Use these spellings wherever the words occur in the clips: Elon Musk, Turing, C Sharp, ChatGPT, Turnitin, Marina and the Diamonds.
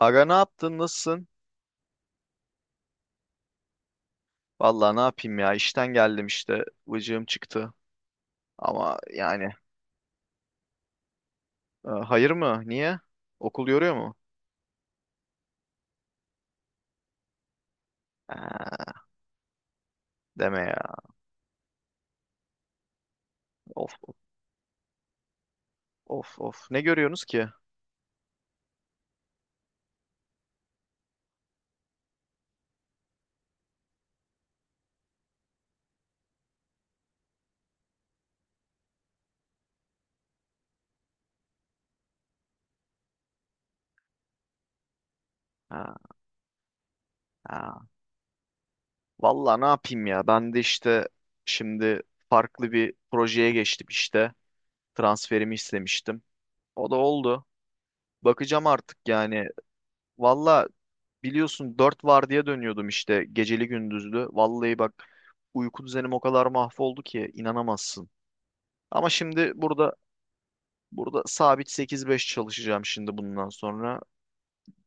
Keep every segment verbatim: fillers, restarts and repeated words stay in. Aga ne yaptın? Nasılsın? Vallahi ne yapayım ya? İşten geldim işte. Vıcığım çıktı. Ama yani e, hayır mı? Niye? Okul yoruyor mu? Ha, deme ya. Of of of. Of. Ne görüyorsunuz ki? Ha, ha. Vallahi ne yapayım ya? Ben de işte şimdi farklı bir projeye geçtim işte. Transferimi istemiştim. O da oldu. Bakacağım artık yani. Vallahi biliyorsun dört vardiya dönüyordum işte geceli gündüzlü. Vallahi bak uyku düzenim o kadar mahvoldu ki inanamazsın. Ama şimdi burada burada sabit sekiz beş çalışacağım şimdi bundan sonra.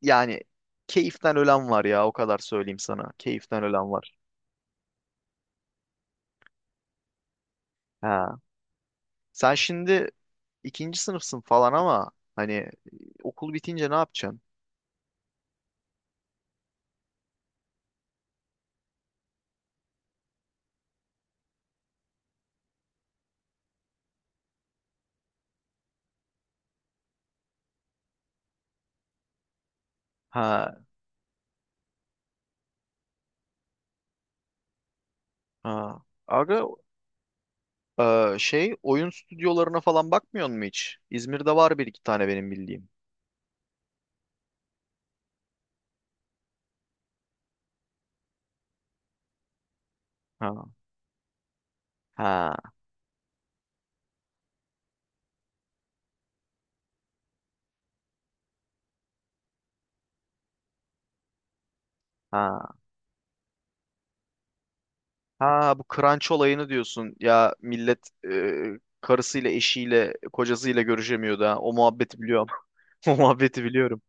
Yani keyiften ölen var ya o kadar söyleyeyim sana. Keyiften ölen var. Ha. Sen şimdi ikinci sınıfsın falan ama hani e, okul bitince ne yapacaksın? Ha. Ha. Aga e, şey oyun stüdyolarına falan bakmıyor mu hiç? İzmir'de var bir iki tane benim bildiğim. Ha. Ha ha ha bu crunch olayını diyorsun. Ya millet e, karısıyla, eşiyle, kocasıyla görüşemiyordu ha. O muhabbeti biliyorum. O muhabbeti biliyorum.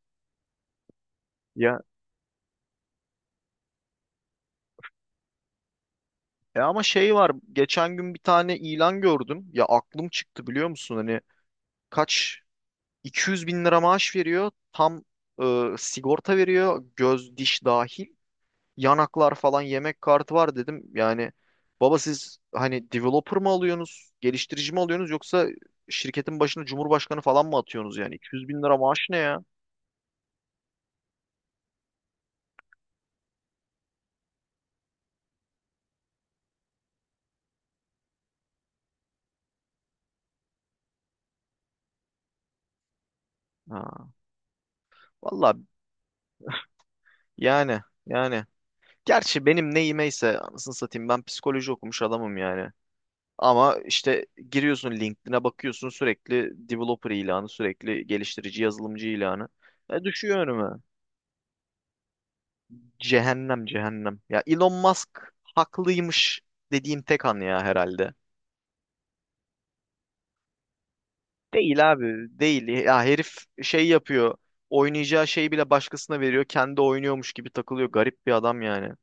Ya e ama şey var. Geçen gün bir tane ilan gördüm. Ya aklım çıktı biliyor musun? Hani kaç iki yüz bin lira maaş veriyor. Tam e, sigorta veriyor. Göz, diş dahil. Yanaklar falan yemek kartı var dedim. Yani baba siz hani developer mı alıyorsunuz, geliştirici mi alıyorsunuz yoksa şirketin başına cumhurbaşkanı falan mı atıyorsunuz yani? iki yüz bin lira maaş ne ya? Ha, vallahi yani yani. Gerçi benim neyimeyse anasını satayım ben psikoloji okumuş adamım yani. Ama işte giriyorsun LinkedIn'e bakıyorsun sürekli developer ilanı, sürekli geliştirici yazılımcı ilanı. E, düşüyor önüme. Cehennem cehennem. Ya Elon Musk haklıymış dediğim tek an ya herhalde. Değil abi değil. Ya herif şey yapıyor. Oynayacağı şeyi bile başkasına veriyor. Kendi oynuyormuş gibi takılıyor. Garip bir adam yani.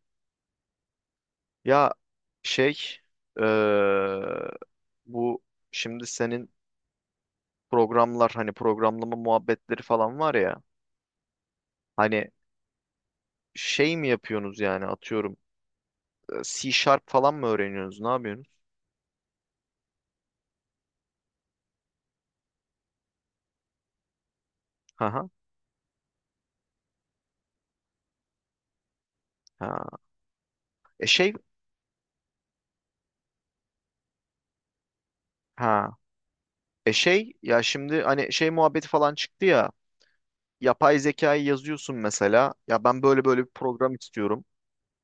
Ya şey eee, bu şimdi senin programlar hani programlama muhabbetleri falan var ya. Hani şey mi yapıyorsunuz yani atıyorum e, C Sharp falan mı öğreniyorsunuz? Ne yapıyorsunuz? Ha ha. Ha. E şey ha. E şey ya şimdi hani şey muhabbeti falan çıktı ya yapay zekayı yazıyorsun mesela ya ben böyle böyle bir program istiyorum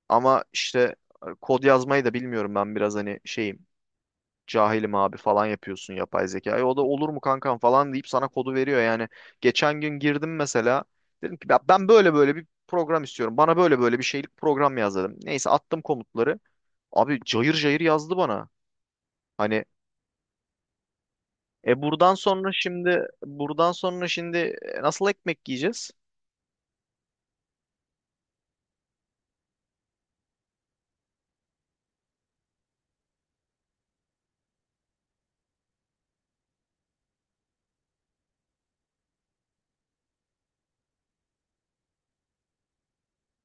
ama işte e, kod yazmayı da bilmiyorum ben biraz hani şeyim cahilim abi falan yapıyorsun yapay zekayı o da olur mu kankam falan deyip sana kodu veriyor yani geçen gün girdim mesela dedim ki "Ya ben böyle böyle bir program istiyorum bana böyle böyle bir şeylik program yaz dedim neyse attım komutları abi cayır cayır yazdı bana hani e buradan sonra şimdi buradan sonra şimdi e, nasıl ekmek yiyeceğiz?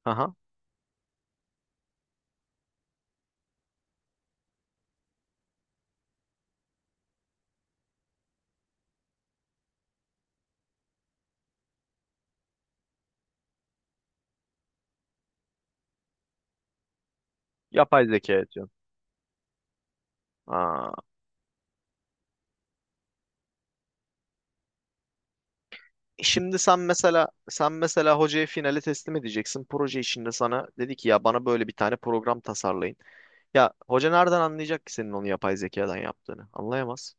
Aha. Yapay zeka diyorsun. Aa. Şimdi sen mesela sen mesela hocaya finale teslim edeceksin. Proje içinde sana dedi ki ya bana böyle bir tane program tasarlayın. Ya hoca nereden anlayacak ki senin onu yapay zekadan yaptığını? Anlayamaz.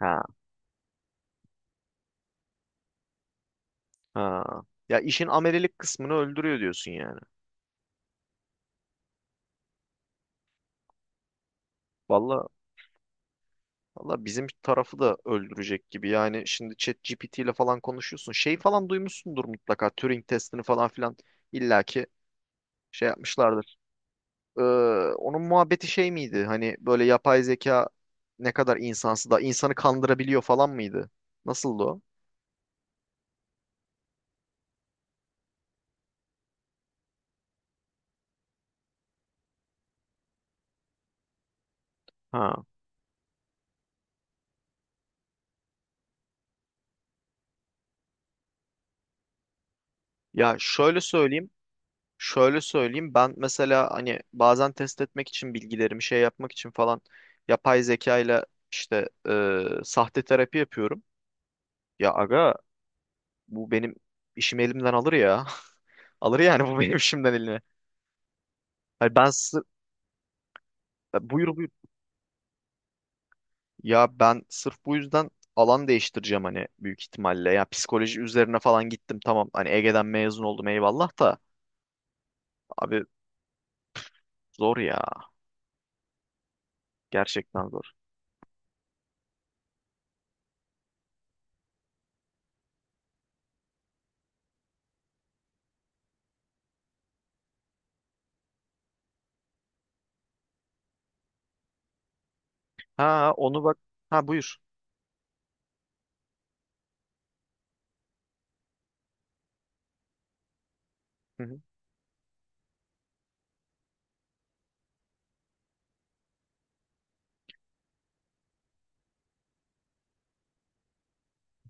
Ha. Ha. Ya işin amelilik kısmını öldürüyor diyorsun yani. Valla valla bizim tarafı da öldürecek gibi. Yani şimdi ChatGPT ile falan konuşuyorsun. Şey falan duymuşsundur mutlaka. Turing testini falan filan illaki şey yapmışlardır. Ee, onun muhabbeti şey miydi? Hani böyle yapay zeka ne kadar insansı da insanı kandırabiliyor falan mıydı? Nasıldı o? Ha. Ya şöyle söyleyeyim. Şöyle söyleyeyim. Ben mesela hani bazen test etmek için bilgilerimi şey yapmak için falan yapay zeka ile işte e, sahte terapi yapıyorum. Ya aga bu benim işimi elimden alır ya. Alır yani bu benim işimden eline. Hani ben sır- buyur buyur. Ya ben sırf bu yüzden alan değiştireceğim hani büyük ihtimalle. Ya psikoloji üzerine falan gittim tamam. Hani Ege'den mezun oldum eyvallah da. Abi zor ya. Gerçekten zor. Ha onu bak. Ha buyur. Hı hı.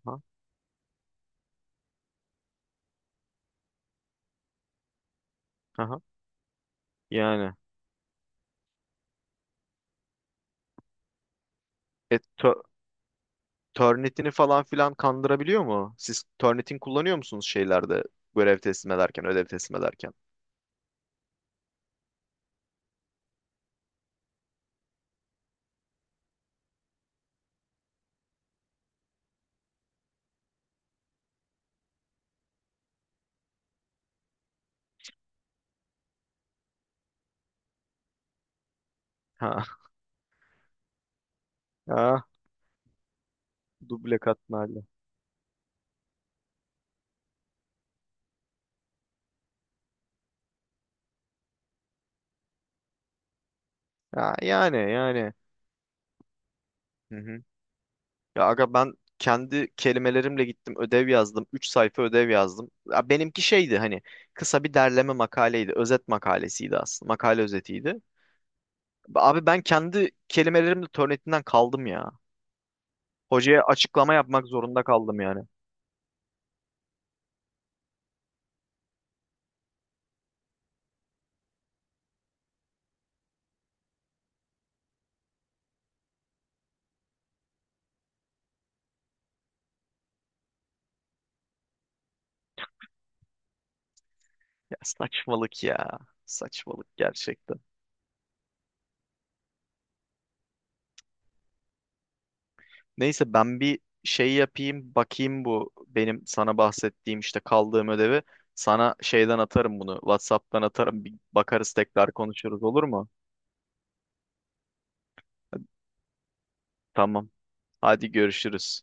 Ha, aha. Yani. E, tö- Turnitin'i falan filan kandırabiliyor mu? Siz Turnitin kullanıyor musunuz şeylerde? Görev teslim ederken, ödev teslim ederken. Ha. Ha. Duble katmerli. Ha, yani yani. Hı hı. Ya aga ben kendi kelimelerimle gittim ödev yazdım. Üç sayfa ödev yazdım. Ya benimki şeydi hani kısa bir derleme makaleydi. Özet makalesiydi aslında. Makale özetiydi. Abi ben kendi kelimelerimle Turnitin'den kaldım ya. Hocaya açıklama yapmak zorunda kaldım yani. Ya saçmalık ya. Saçmalık gerçekten. Neyse ben bir şey yapayım bakayım bu benim sana bahsettiğim işte kaldığım ödevi. Sana şeyden atarım bunu. WhatsApp'tan atarım. Bir bakarız tekrar konuşuruz olur mu? Tamam. Hadi görüşürüz.